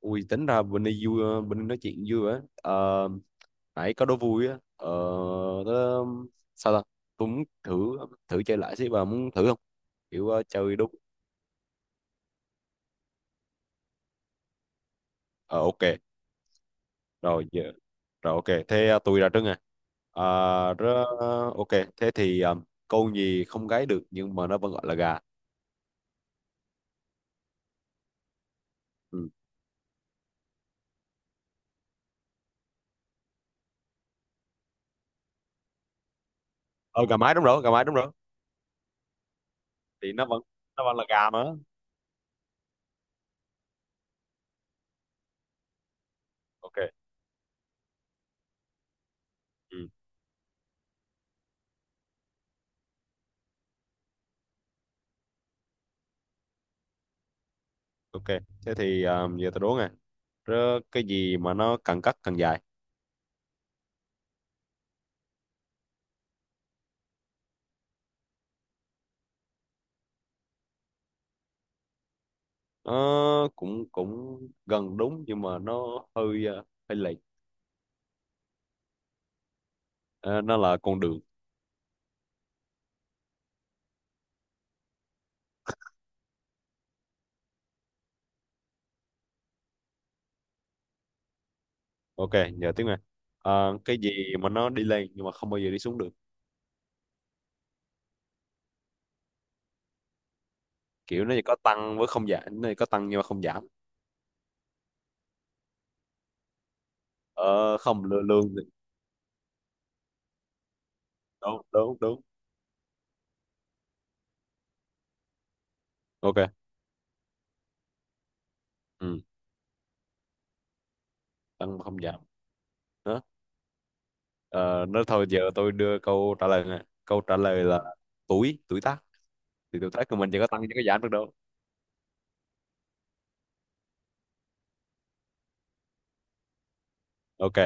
Ui, tính ra bên đây vui, bên đây nói chuyện vui á. Ờ, nãy có đố vui á. Ờ, tớ- sao ta? Tôi muốn thử thử chơi lại xí, bà muốn thử không? Kiểu chơi đúng. Ờ, ok. Rồi giờ. Rồi ok, thế tôi ra trước nè. Ờ, ok. Thế thì con gì không gáy được nhưng mà nó vẫn gọi là gà? Ừ. Ờ, gà mái đúng rồi, gà mái đúng rồi. Thì nó vẫn là gà mà. Ok. Ừ. Ok, thế thì giờ tôi đố nè. Rớ, cái gì mà nó càng cắt càng dài? Ờ, cũng cũng gần đúng nhưng mà nó hơi hơi lệch. Ờ, nó là con đường. Ok, giờ tiếng này. Ờ, cái gì mà nó đi lên nhưng mà không bao giờ đi xuống được? Kiểu nó chỉ có tăng với không giảm, nó chỉ có tăng nhưng mà không giảm. Ờ, không, lương lương thì- đúng, đúng, đúng. Ok. Ừ, tăng mà không giảm đó. Ờ, thôi giờ tôi đưa câu trả lời nè, câu trả lời là tuổi tuổi tác. Thì tuổi tác của mình chỉ có tăng chứ có giảm được đâu. Ok.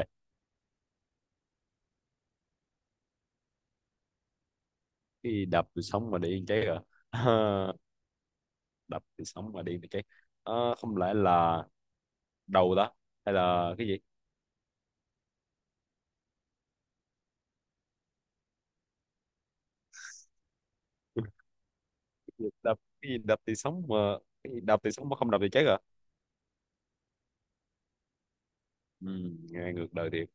Cái đập tôi sống mà để yên cháy rồi. Đập thì sống mà đi thì chết. Ờ, không lẽ là đầu đó, hay là cái gì? Đập cái gì đập thì sống mà? Cái gì đập thì sống mà không đập thì chết à? Ừ, nghe ngược đời thiệt.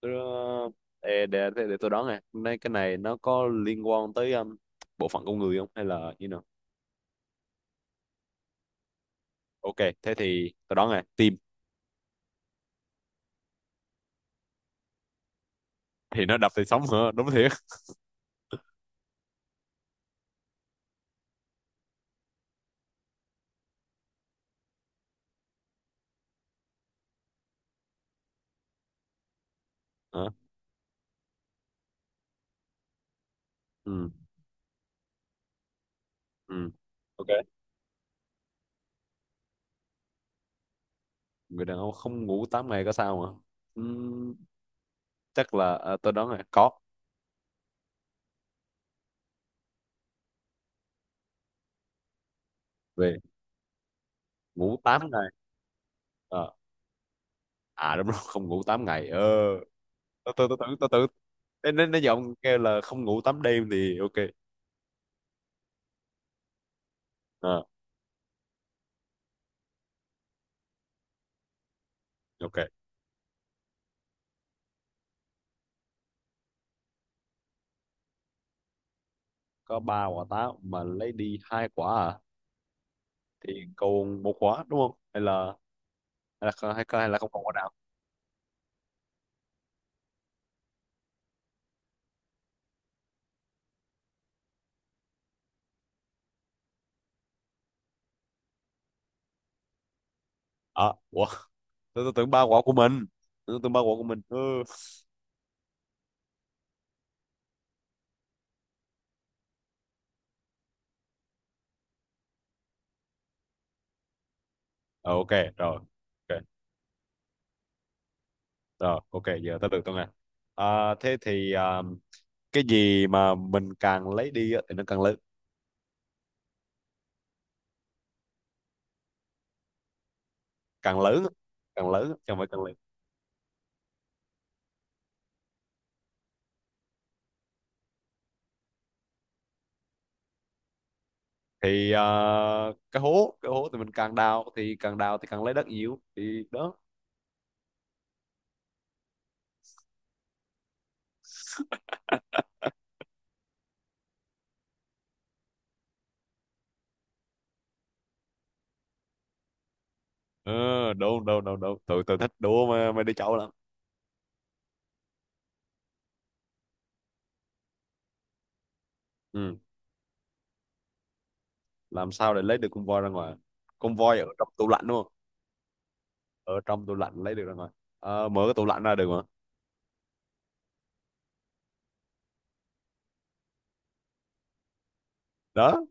Tôi, ờ, ê, để tôi đoán nè, nay cái này nó có liên quan tới bộ phận con người không, hay là như nào? Ok, thế thì tôi đoán nè, tim. Thì nó đập thì sống hả? Đúng thiệt? Hả? Ừ. Ừ. Ok. Người đàn ông không ngủ 8 ngày có sao mà? Ừm, chắc là tôi đoán là có. về Ngủ 8 ngày. Ờ. À, đúng rồi, không ngủ 8 ngày. Ờ, tao tưởng. Nên nên nên giờ kêu là không ngủ 8 đêm thì ok. Ờ, ok. Có ba quả táo mà lấy đi hai quả à? Thì còn một quả đúng không? Hay là không còn quả nào. À, ủa. Tôi tưởng ba quả của mình, tôi tưởng ba quả của mình. Ừ. Ờ, ok. Rồi, ok. Rồi ok, giờ tới được tôi nghe. Thế thì cái gì mà mình càng lấy đi á, thì nó càng lớn. Càng lớn á, càng lớn á, chứ không phải càng. Thì cái hố thì mình càng đào, thì càng lấy đất nhiều thì đó. Ờ, đúng, đúng, đúng, đúng. Tụi tụi thích đùa mà, mấy đứa cháu lắm. Ừ. Làm sao để lấy được con voi ra ngoài? Con voi ở trong tủ lạnh đúng không? Ở trong tủ lạnh lấy được ra ngoài. Ờ, mở cái tủ lạnh ra được mà. Đó.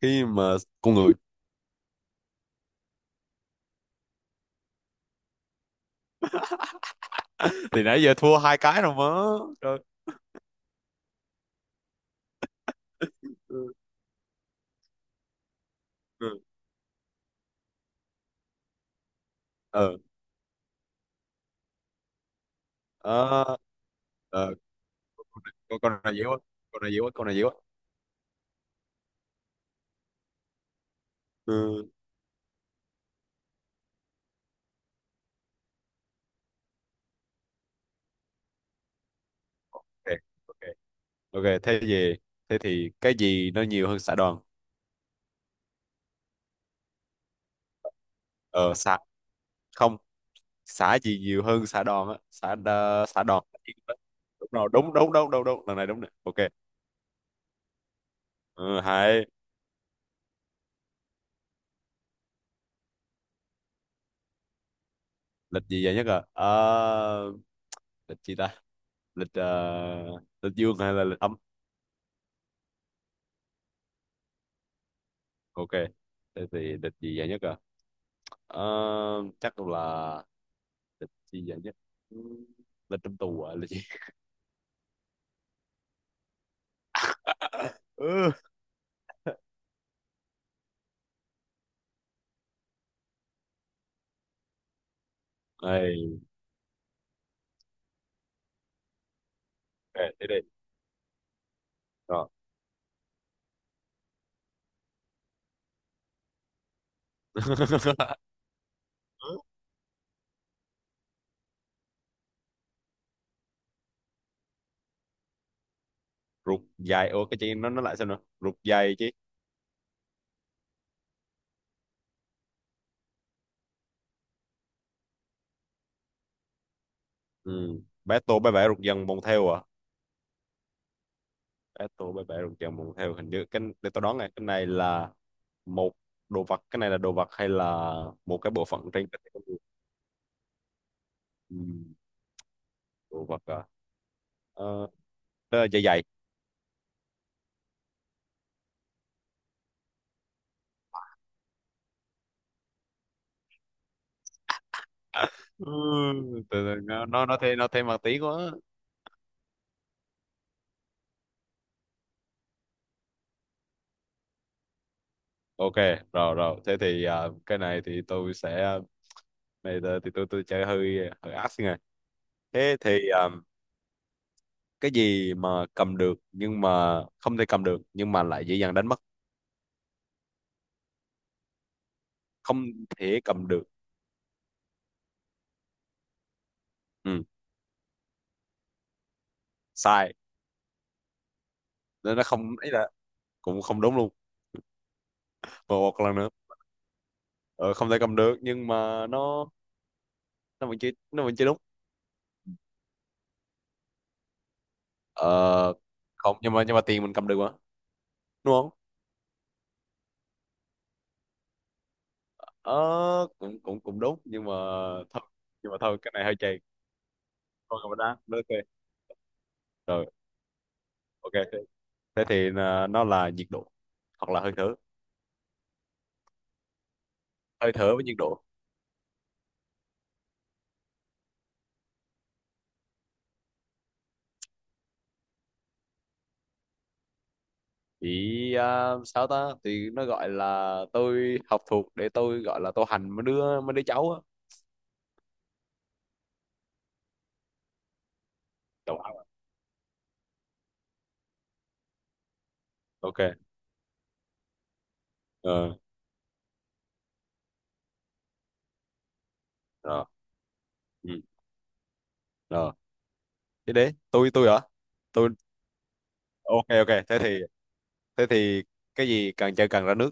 Khi mà con người. Thì nãy giờ thua hai cái rồi mà. Trời. Ừ. Ừ. ờ ờ ờ, con con- Này dễ quá, con này dễ quá, con này dễ quá. Ừ. Ok. Ok. Ok, thế gì? Thế thì cái gì nó nhiều hơn xã đoàn? Ờ, xã. Không, xã gì nhiều hơn xã đòn á? Xã đòn. Đúng rồi, đúng, đúng, đúng, đúng, đúng lần này, đúng này. Ok. Ừ, hay. Lịch gì vậy nhất à? Ờ, lịch gì ta? Lịch dương hay là lịch âm? Ok, thế thì lịch gì vậy nhất à? Ờ, chắc là lịch gì vậy nhất. Ừ, lịch trong tù à, lịch gì? Ừ. Đây, ok, thế đi. Rồi. Rụt dài, ủa cái chuyện nó lại sao nữa, rụt dài chứ. Ừ. Battle bãi vẽ rục dần bồng theo à? Battle bãi vẽ rục dần bồng theo, hình như cái, để tôi đoán này, cái này là một đồ vật, cái này là đồ vật hay là một cái bộ phận trên cơ thể con người? Ừ. Đồ vật à? Ờ, đó là dây dày. Ừ, từ từ, nó thêm, nó thêm mặt tí quá. Ok, rồi rồi thế thì cái này thì tôi sẽ, thì tôi chơi hơi hơi ác xin này. Thế thì cái gì mà cầm được, nhưng mà không thể cầm được nhưng mà lại dễ dàng đánh mất? Không thể cầm được. Ừ. Sai. Nên nó không ấy, là cũng không đúng luôn. Và một lần nữa. Ờ, không thể cầm được nhưng mà nó vẫn chưa, nó vẫn chưa đúng. Ờ, không, nhưng mà tiền mình cầm được mà đúng không? Ờ, cũng cũng cũng đúng nhưng mà thôi, cái này hơi chày. Thôi cầm đá nó ok. Rồi. Ok, thế thì nó là nhiệt độ hoặc là hơi thở. Hơi thở với nhiệt độ. Thì sao ta? Thì nó gọi là tôi học thuộc để tôi gọi là tôi hành mấy đứa cháu á. Đầu óc. À? Ok. Ờ. Rồi. Ừ. Rồi. Thế đấy, tôi hả? Tôi. Ok, ok, thế thì cái gì càng chơi càng ra nước?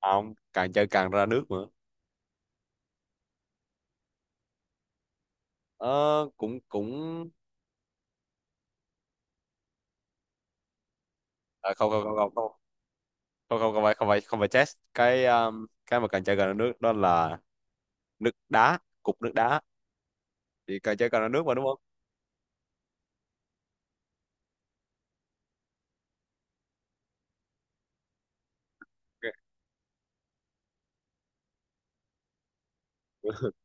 À không, càng chơi càng ra nước nữa. Ờ, cũng cũng không, không, không, không, không, không, không, không phải, không phải, không phải chess. Cái mà càng chơi càng ra nước đó là nước đá, cục nước đá. Thì càng chơi càng ra nước mà đúng không? Ok.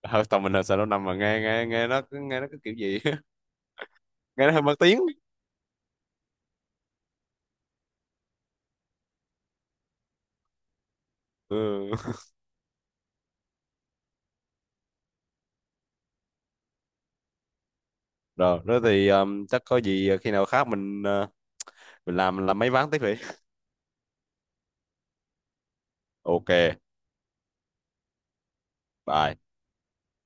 Ờ, tầm mình là sao nó nằm mà nghe, nghe nghe nó cứ- nghe nó cái kiểu gì. Nghe nó hơi mất tiếng. Ừ. Rồi đó, thì chắc có gì khi nào khác mình, mình làm mấy ván tiếp vậy. Ok, bye.